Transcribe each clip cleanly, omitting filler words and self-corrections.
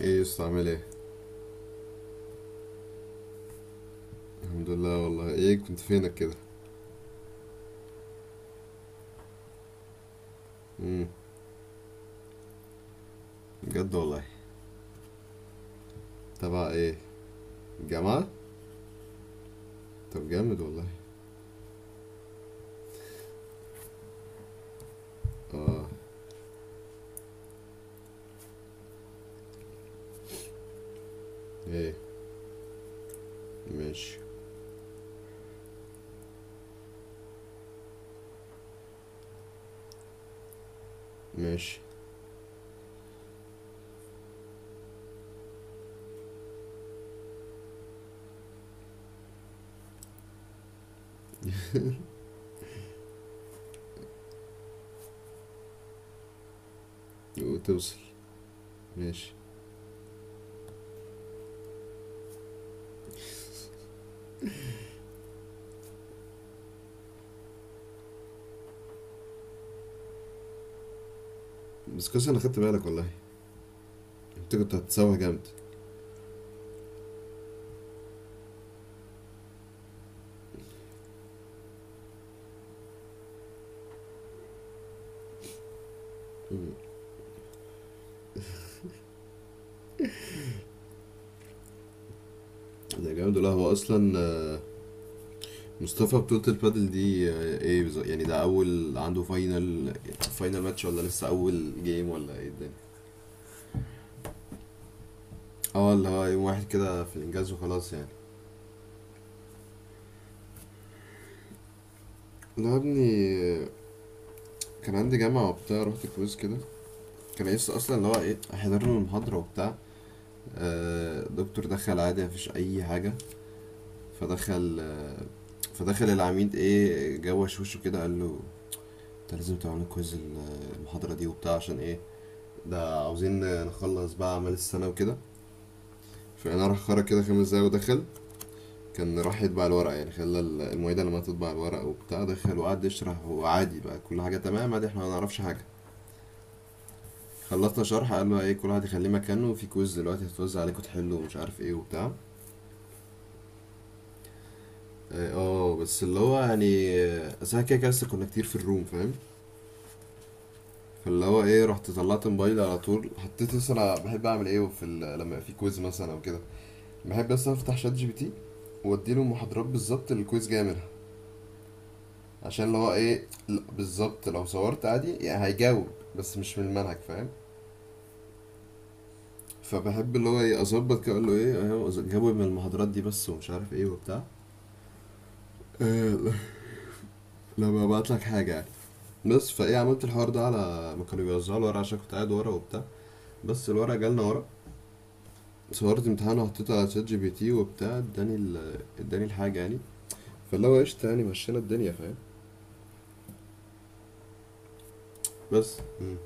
ايه يا اسطى، عامل ايه؟ الحمد لله والله، ايه كنت فينك كده؟ امم بجد والله. تبع ايه؟ جامعة. طب جامد والله. اه. ايه؟ ماشي ماشي وتوصل، ماشي. بس كويس انا خدت بالك والله. انت كنت هتتسوح جامد. ده جامد، ولا هو اصلا مصطفى بطولة البادل دي، ايه بالظبط يعني؟ ده اول عنده فاينل ماتش، ولا لسه اول جيم، ولا ايه الدنيا؟ اه، اللي هو يوم واحد كده، في الانجاز وخلاص يعني. لا يا ابني، كان عندي جامعة وبتاع، رحت كويز كده. كان نفسي أصلا اللي هو إيه، أحضر له المحاضرة وبتاع. دكتور دخل عادي، مفيش أي حاجة. فدخل آه، فدخل العميد، إيه، جوش وشه كده، قال له: أنت لازم تعمل كويز المحاضرة دي وبتاع، عشان إيه؟ ده عاوزين نخلص بقى أعمال السنة وكده. فأنا راح خرج كده خمس دقايق ودخل. كان راح يطبع الورق، يعني خلى المعيدة لما تطبع الورق وبتاع. دخل وقعد يشرح، وعادي بقى كل حاجة تمام، عادي، احنا ما نعرفش حاجة. خلصنا شرح، قالوا: ايه، كل واحد يخليه مكانه، وفي كويز دلوقتي هتوزع عليكم تحلوا، ومش عارف ايه وبتاع. اه، بس اللي هو يعني، أصل احنا كده كده لسه كنا كتير في الروم، فاهم؟ فاللي هو ايه، رحت طلعت موبايلي على طول، حطيت، بس انا بحب اعمل ايه في لما يبقى في كويز مثلا او كده. بحب بس افتح شات جي بي تي، واديله المحاضرات بالظبط اللي الكويز جاي منها. عشان اللي هو ايه، لا، بالظبط، لو صورت عادي يعني هيجاوب، بس مش من المنهج، فاهم. فبحب اللي هو ايه، اظبط كده، اقول له ايه أهو، جاوب من المحاضرات دي بس، ومش عارف ايه وبتاع. آه، لما ببعت لك حاجة يعني. بس فايه، عملت الحوار ده على ما كانوا بيوزعوا الورق، عشان كنت قاعد ورا وبتاع. بس الورق جالنا ورق، صورت امتحان وحطيته على شات جي بي تي وبتاع، اداني اداني الحاجة يعني. فاللي هو قشطة يعني، مشينا الدنيا فاهم. بس مم.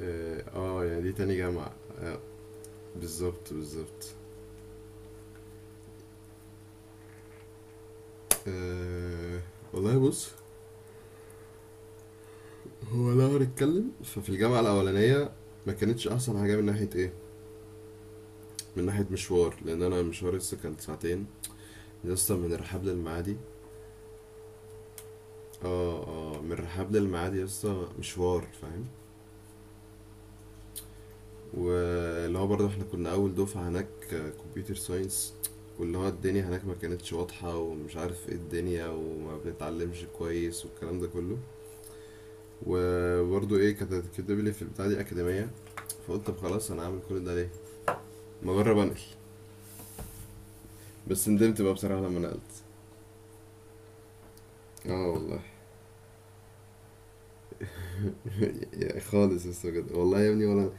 اه، يعني دي تاني جامعة بالظبط بالظبط. آه والله، بص. هو لو هنتكلم، ففي الجامعة الأولانية ما كانتش أحسن حاجة من ناحية إيه؟ من ناحية مشوار، لأن أنا مشواري لسه كان ساعتين. لسه من الرحاب للمعادي. اه. اه، من الرحاب للميعاد يا اسطى، مشوار فاهم. واللي هو برضه احنا كنا اول دفعة هناك، كمبيوتر ساينس. واللي هو الدنيا هناك ما كانتش واضحة، ومش عارف ايه الدنيا، وما بنتعلمش كويس، والكلام ده كله. وبرضه ايه، كانت كاتب لي في البتاع دي أكاديمية. فقلت طب خلاص، انا هعمل كل ده ليه؟ ما اجرب انقل. بس ندمت بقى بصراحة لما نقلت. اه والله. خالص لسه، بجد والله يا ابني، ولا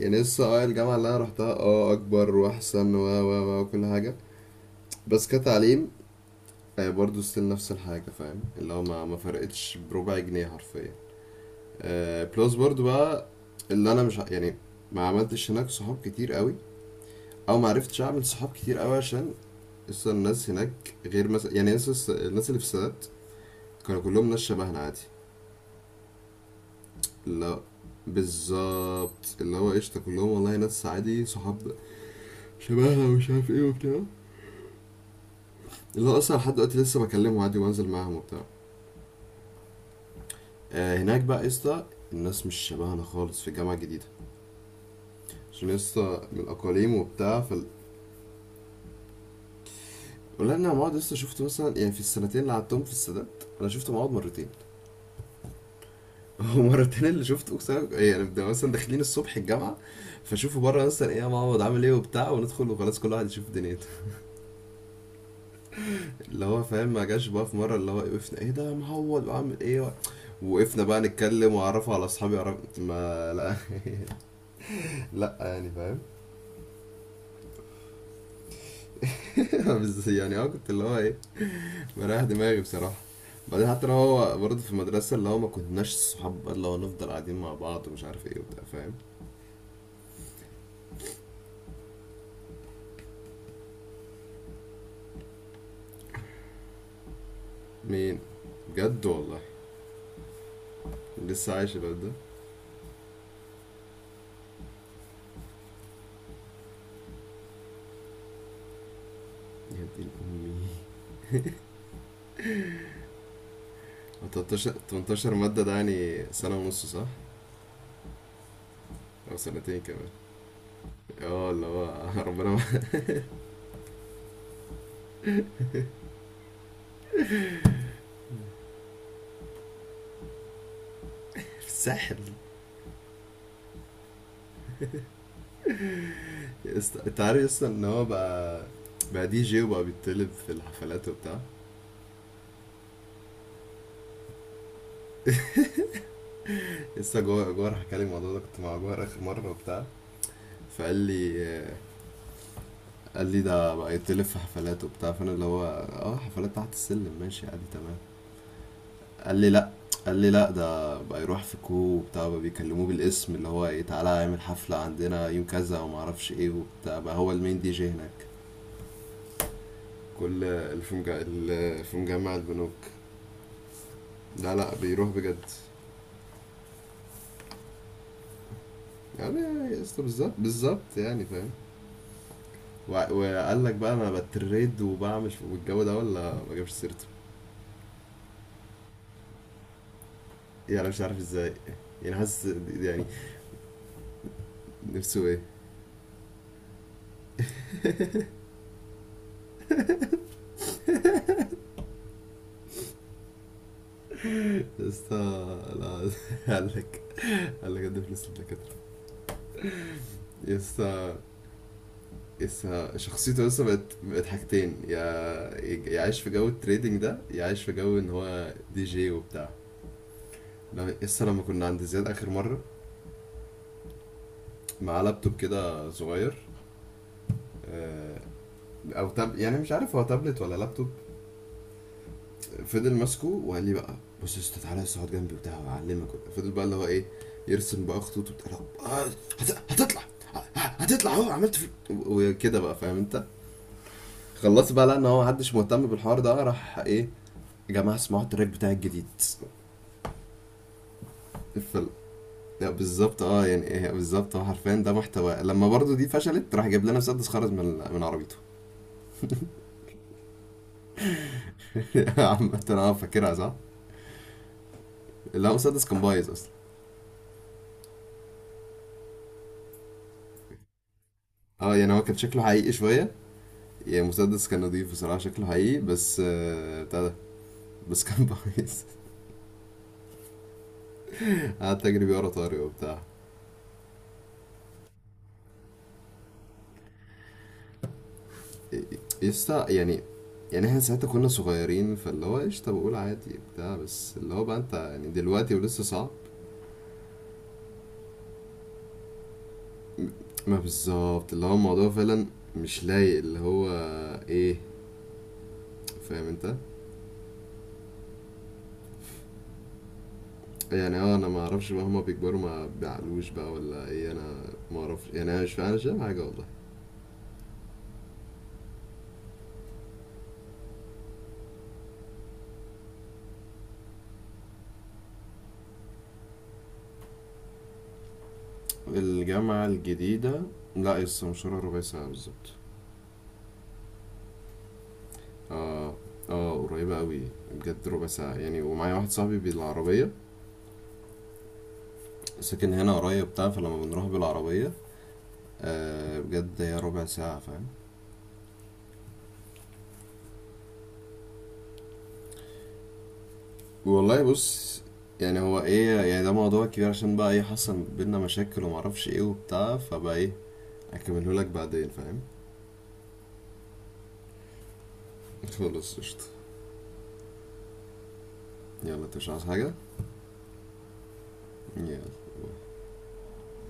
يعني لسه. اه، الجامعة اللي انا روحتها اه، اكبر واحسن، و و و وكل حاجة. بس كتعليم برضو ستيل نفس الحاجة، فاهم، اللي هو ما فرقتش بربع جنيه حرفيا. بلس برضو بقى، اللي انا مش يعني ما عملتش هناك صحاب كتير قوي، او ما عرفتش اعمل صحاب كتير قوي، عشان اصلا الناس هناك غير، مثلا يعني الناس الناس اللي في السادات كانوا كلهم ناس شبهنا عادي. اللي هو بالظبط، اللي هو قشطة كلهم والله، ناس عادي، صحاب شبهنا ومش عارف ايه وبتاع. اللي هو اصلا لحد دلوقتي لسه بكلمهم عادي وانزل معاهم وبتاع. هناك بقى يا اسطى، الناس مش شبهنا خالص في الجامعه الجديده، عشان يا اسطى من الاقاليم وبتاع، ولا انا مواد لسه شفت مثلا، يعني في السنتين اللي قعدتهم في السادات انا شفت مواد مرتين. ومرتين اللي شفته، اقسم بالله- يعني بنبقى مثلا داخلين الصبح الجامعه، فشوفوا بره مثلا: ايه يا معوض، عامل ايه وبتاع، وندخل، وخلاص كل واحد يشوف دنيته. اللي هو فاهم، ما جاش بقى في مره اللي هو وقفنا: ايه ده يا معوض، وعامل ايه؟ وقفنا بقى نتكلم، واعرفه على اصحابي، ما لا. لا يعني، فاهم. بس يعني اه، كنت اللي هو ايه، مريح دماغي بصراحة. بعدين حتى لو هو برضه في المدرسة، اللي هو ما كناش صحاب بقى، اللي هو نفضل قاعدين مع بعض، ومش عارف ايه وبتاع، فاهم. مين؟ بجد والله؟ لسه عايش الواد ده؟ يا دين امي. هو 18 18 مادة؟ ده يعني سنة ونص، صح؟ أو سنتين كمان. اه، اللي هو ربنا معاك. في الساحل. يا اسطى، انت عارف لسه ان هو بقى، بقى دي جي وبقى بيتطلب في الحفلات وبتاع. لسه جوه، جوه راح كلم الموضوع ده، كنت مع جوه آخر مرة وبتاع. فقال لي، قال لي: ده بقى يتلف في حفلات وبتاع، فانا اللي هو اه، حفلات تحت السلم، ماشي عادي تمام. قال لي لا، قال لي لا، ده بقى يروح في كو وبتاع، بقى بيكلموه بالاسم، اللي هو ايه: تعالى اعمل حفلة عندنا يوم كذا، وما اعرفش ايه وبتاع، بقى هو المين دي جي هناك. كل اللي في اللي في مجمع البنوك. لا لا، بيروح بجد. يعني يا اسطى بالظبط بالظبط، يعني فاهم. وقال لك بقى انا بتريد وبعمل والجو ده، ولا ما جابش سيرته؟ يعني أنا مش عارف ازاي، يعني حاسس يعني، نفسه ايه؟ يسا، لا. قال لك قال لك قدم فلوس للدكاترة؟ يسا، يسا شخصيته، يسا بقت حاجتين يا، يعيش في جو التريدنج ده، يعيش في جو ان هو دي جي وبتاع. يسا لما كنا عند زياد اخر مرة، معاه لابتوب كده صغير، آه، او تاب، يعني مش عارف هو تابلت ولا لابتوب. فضل ماسكه وقال لي بقى: بص يا اسطى، تعالى بس اقعد جنبي وبتاع وهعلمك. فضل بقى اللي هو ايه، يرسم بقى خطوط وبتاع. آه، هتطلع، هتطلع اهو، عملت في وكده بقى، فاهم انت. خلصت بقى لان هو محدش مهتم بالحوار ده، راح ايه: يا جماعه اسمعوا التراك بتاع الجديد. فال- لا بالظبط اه، يعني ايه، بالظبط اه، حرفيا ده محتوى. لما برضو دي فشلت، راح جاب لنا مسدس، خرج من عربيته. عامة اه، فاكرها صح؟ لا، مسدس كان بايظ اصلا. اه، يعني هو كان شكله حقيقي شويه، يعني مسدس كان نضيف بصراحة، شكله حقيقي بس، بتاع ده بس كان بايظ. قعدت أجري بيه ورا طارق وبتاع. يسطا يعني، يعني احنا ساعتها كنا صغيرين، فاللي هو قشطة بقول عادي بتاع، بس اللي هو بقى انت يعني دلوقتي ولسه صعب. ما بالظبط، اللي هو الموضوع فعلا مش لايق، اللي هو ايه، فاهم انت. يعني اه انا ما اعرفش بقى، هما بيكبروا ما بيعقلوش بقى ولا ايه، انا ما اعرفش، يعني انا مش فاهم، مش فاهم حاجة والله. الجامعة الجديدة، لا يسطا، مشوارها ربع ساعة بالظبط. اه. اه، قريبة قوي، بجد ربع ساعة يعني. ومعايا واحد صاحبي بالعربية، ساكن هنا قريب بتاع فلما بنروح بالعربية بجد هي ربع ساعة، فاهم. والله بص، يعني هو ايه يعني، ده موضوع كبير، عشان بقى ايه، حصل بينا مشاكل ومعرفش ايه وبتاع، فبقى ايه، اكمله لك بعدين، فاهم. خلاص قشطة. يلا، انت مش عايز حاجة؟ يلا.